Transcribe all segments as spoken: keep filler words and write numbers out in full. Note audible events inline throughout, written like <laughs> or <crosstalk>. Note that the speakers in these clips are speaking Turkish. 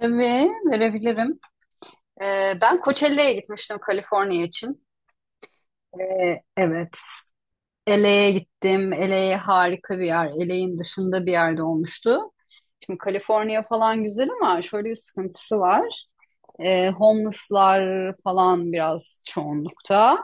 Tabii verebilirim. Ee, ben Coachella'ya gitmiştim Kaliforniya için. Ee, evet. L A'ye gittim. L A harika bir yer. L A'in dışında bir yerde olmuştu. Şimdi Kaliforniya falan güzel ama şöyle bir sıkıntısı var. Ee, homeless'lar falan biraz çoğunlukta.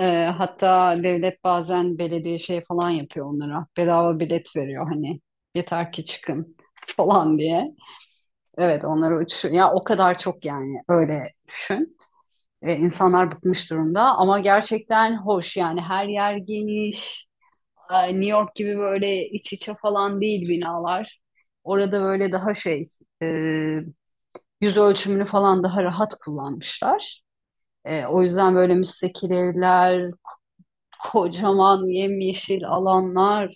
Ee, hatta devlet bazen belediye şey falan yapıyor onlara. Bedava bilet veriyor hani, yeter ki çıkın <laughs> falan diye. Evet, onları uçuş ya, o kadar çok yani, öyle düşün. E, insanlar bıkmış durumda ama gerçekten hoş yani, her yer geniş. E, New York gibi böyle iç içe falan değil binalar. Orada böyle daha şey, e, yüz ölçümünü falan daha rahat kullanmışlar. E, o yüzden böyle müstakil evler, kocaman yemyeşil alanlar.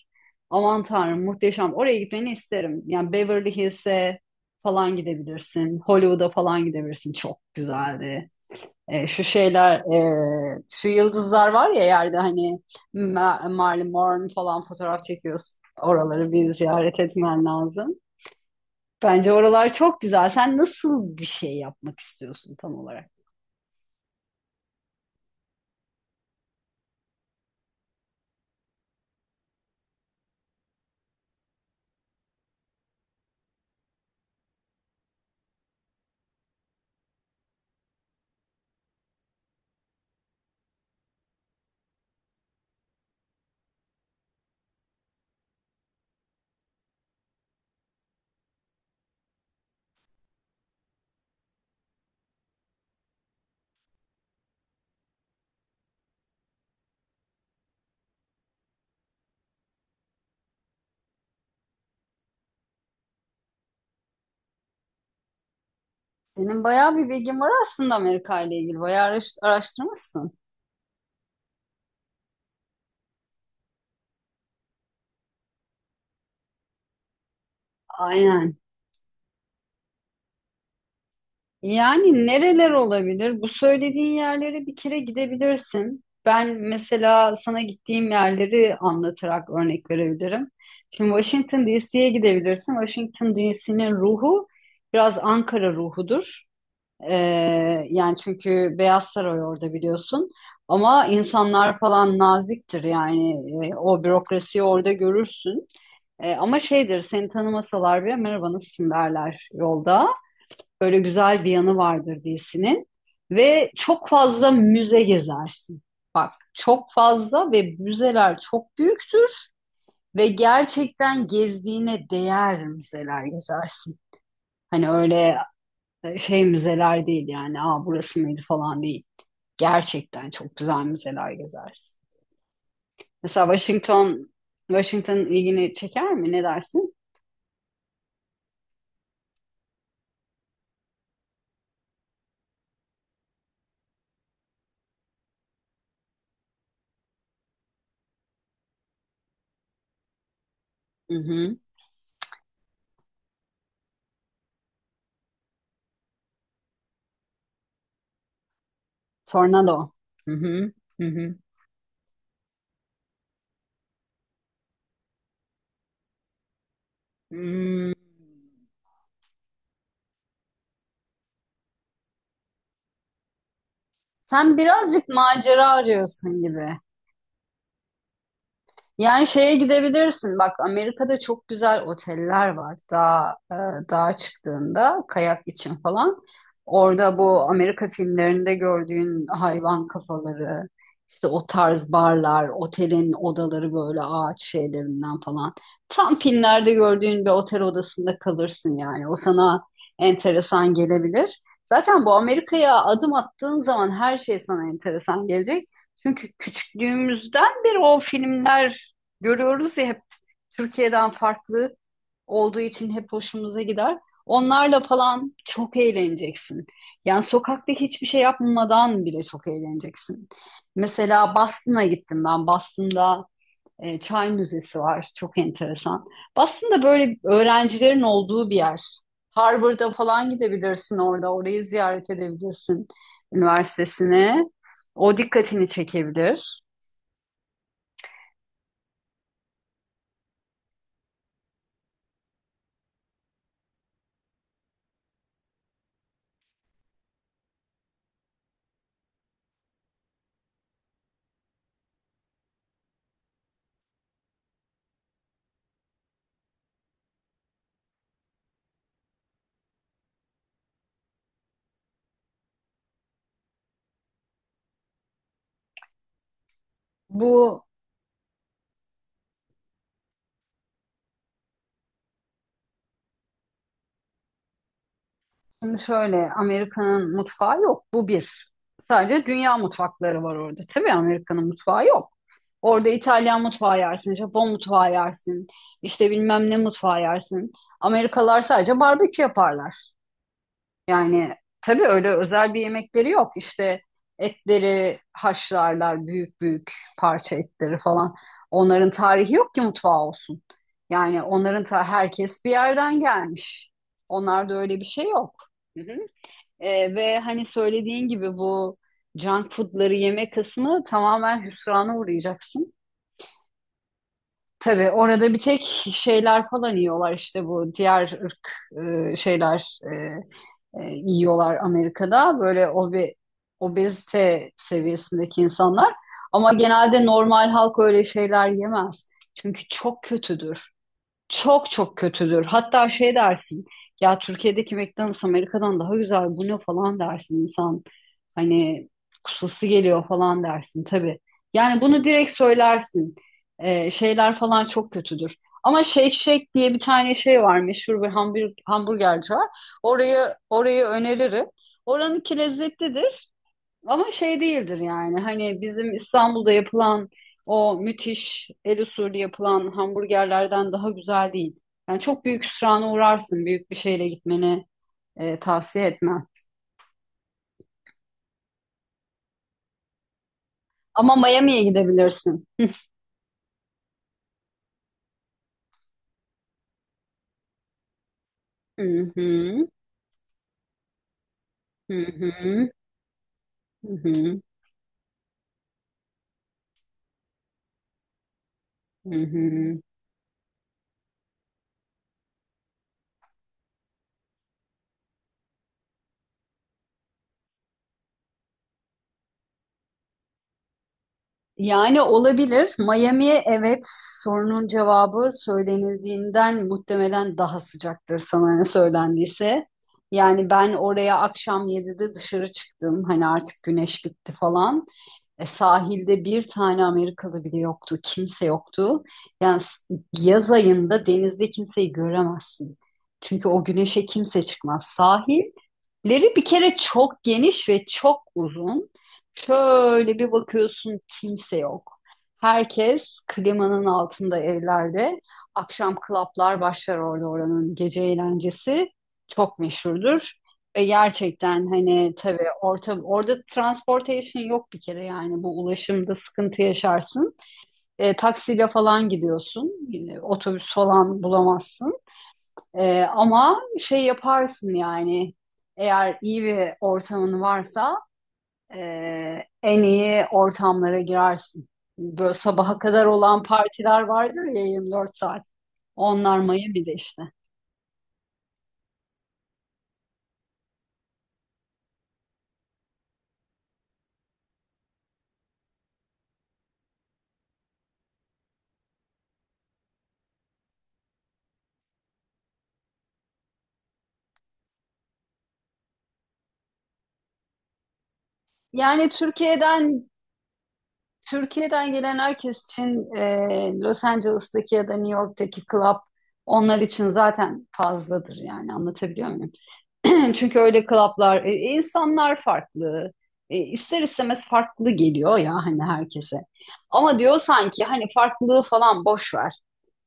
Aman Tanrım, muhteşem. Oraya gitmeni isterim. Yani Beverly Hills'e falan gidebilirsin. Hollywood'a falan gidebilirsin. Çok güzeldi. E, şu şeyler, e, şu yıldızlar var ya yerde, hani Ma- Marilyn Monroe falan, fotoğraf çekiyorsun. Oraları bir ziyaret etmen lazım. Bence oralar çok güzel. Sen nasıl bir şey yapmak istiyorsun tam olarak? Senin bayağı bir bilgin var aslında Amerika ile ilgili. Bayağı araş- araştırmışsın. Aynen. Yani nereler olabilir? Bu söylediğin yerlere bir kere gidebilirsin. Ben mesela sana gittiğim yerleri anlatarak örnek verebilirim. Şimdi Washington D C'ye gidebilirsin. Washington D C'nin ruhu biraz Ankara ruhudur. Ee, yani çünkü Beyaz Saray orada, biliyorsun. Ama insanlar falan naziktir yani. Ee, o bürokrasiyi orada görürsün. Ee, ama şeydir, seni tanımasalar bile merhaba, nasılsın derler yolda. Böyle güzel bir yanı vardır dizinin. Ve çok fazla müze gezersin. Çok fazla, ve müzeler çok büyüktür ve gerçekten gezdiğine değer müzeler gezersin. Hani öyle, e, şey müzeler değil yani, aa, burası mıydı falan değil. Gerçekten çok güzel müzeler gezersin. Mesela Washington, Washington ilgini çeker mi? Ne dersin? Hı hı. Tornado. Hı hı. Hı hı. Hmm. Sen birazcık macera arıyorsun gibi. Yani şeye gidebilirsin. Bak, Amerika'da çok güzel oteller var. Dağ, e, dağa çıktığında kayak için falan. Orada bu Amerika filmlerinde gördüğün hayvan kafaları, işte o tarz barlar, otelin odaları böyle ağaç şeylerinden falan. Tam filmlerde gördüğün bir otel odasında kalırsın yani. O sana enteresan gelebilir. Zaten bu Amerika'ya adım attığın zaman her şey sana enteresan gelecek. Çünkü küçüklüğümüzden beri o filmler görüyoruz ya, hep Türkiye'den farklı olduğu için hep hoşumuza gider. Onlarla falan çok eğleneceksin. Yani sokakta hiçbir şey yapmadan bile çok eğleneceksin. Mesela Boston'a gittim ben. Boston'da e, Çay Müzesi var. Çok enteresan. Boston'da böyle öğrencilerin olduğu bir yer. Harvard'a falan gidebilirsin orada. Orayı ziyaret edebilirsin, üniversitesine. O dikkatini çekebilir. Bu Şimdi şöyle, Amerika'nın mutfağı yok. Bu bir. Sadece dünya mutfakları var orada. Tabii, Amerika'nın mutfağı yok. Orada İtalyan mutfağı yersin, Japon mutfağı yersin, işte bilmem ne mutfağı yersin. Amerikalılar sadece barbekü yaparlar. Yani tabii, öyle özel bir yemekleri yok. İşte etleri haşlarlar, büyük büyük parça etleri falan. Onların tarihi yok ki mutfağı olsun. Yani onların, ta herkes bir yerden gelmiş. Onlarda öyle bir şey yok. Hı hı. Ee, ve hani söylediğin gibi bu junk foodları yeme kısmı, tamamen hüsrana uğrayacaksın. Tabii orada bir tek şeyler falan yiyorlar işte, bu diğer ırk e, şeyler e, e, yiyorlar Amerika'da. Böyle obe, obezite seviyesindeki insanlar. Ama genelde normal halk öyle şeyler yemez. Çünkü çok kötüdür. Çok çok kötüdür. Hatta şey dersin ya, Türkiye'deki McDonald's Amerika'dan daha güzel, bu ne falan dersin insan. Hani kusası geliyor falan dersin tabii. Yani bunu direkt söylersin. Ee, şeyler falan çok kötüdür. Ama Shake Shack diye bir tane şey var, meşhur bir hamburg hamburgerci var. Orayı, orayı öneririm. Oranınki lezzetlidir. Ama şey değildir yani. Hani bizim İstanbul'da yapılan o müthiş el usulü yapılan hamburgerlerden daha güzel değil. Yani çok büyük hüsrana uğrarsın. Büyük bir şeyle gitmeni e, tavsiye etmem. Ama Miami'ye gidebilirsin. Hı hı, hı hı, hı hı, hı hı. Yani olabilir. Miami, evet, sorunun cevabı söylenildiğinden muhtemelen daha sıcaktır, sana ne söylendiyse. Yani ben oraya akşam yedide dışarı çıktım. Hani artık güneş bitti falan. E, sahilde bir tane Amerikalı bile yoktu. Kimse yoktu. Yani s- yaz ayında denizde kimseyi göremezsin. Çünkü o güneşe kimse çıkmaz. Sahilleri bir kere çok geniş ve çok uzun. Şöyle bir bakıyorsun, kimse yok. Herkes klimanın altında, evlerde. Akşam klaplar başlar orada, oranın gece eğlencesi çok meşhurdur. Ve gerçekten hani tabii orta, orada transportation yok bir kere yani, bu ulaşımda sıkıntı yaşarsın. E, taksiyle falan gidiyorsun. E, Otobüs falan bulamazsın. E, ama şey yaparsın yani, eğer iyi bir ortamın varsa ee, en iyi ortamlara girersin. Böyle sabaha kadar olan partiler vardır ya, yirmi dört saat. Onlar Miami'de işte. Yani Türkiye'den Türkiye'den gelen herkes için e, Los Angeles'taki ya da New York'taki club onlar için zaten fazladır yani, anlatabiliyor muyum? <clears throat> Çünkü öyle club'lar, e, insanlar farklı. E, ister istemez farklı geliyor ya, hani herkese. Ama diyor sanki, hani farklılığı falan boş ver.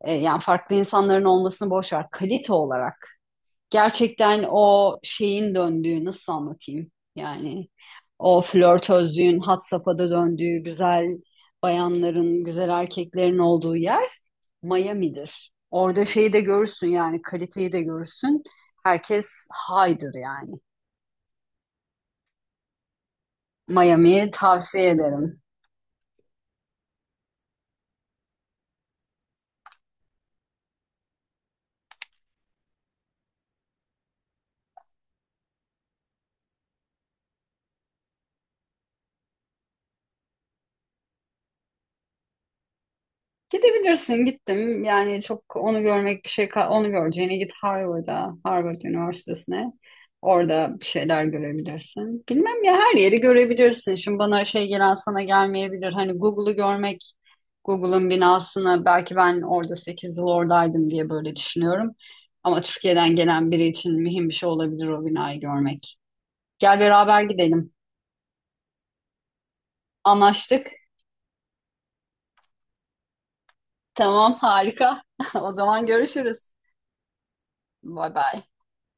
E, yani farklı insanların olmasını boş ver. Kalite olarak gerçekten o şeyin döndüğü, nasıl anlatayım? Yani o flörtözlüğün had safhada döndüğü, güzel bayanların, güzel erkeklerin olduğu yer Miami'dir. Orada şeyi de görürsün yani, kaliteyi de görürsün. Herkes haydır yani. Miami'yi tavsiye ederim. Gidebilirsin. Gittim. Yani çok, onu görmek bir şey, kal- onu göreceğine git Harvard'a, Harvard Üniversitesi'ne. Orada bir şeyler görebilirsin. Bilmem ya, her yeri görebilirsin. Şimdi bana şey gelen sana gelmeyebilir. Hani Google'u görmek, Google'ın binasını, belki ben orada sekiz yıl oradaydım diye böyle düşünüyorum. Ama Türkiye'den gelen biri için mühim bir şey olabilir o binayı görmek. Gel beraber gidelim. Anlaştık. Tamam, harika. <laughs> O zaman görüşürüz. Bay bay.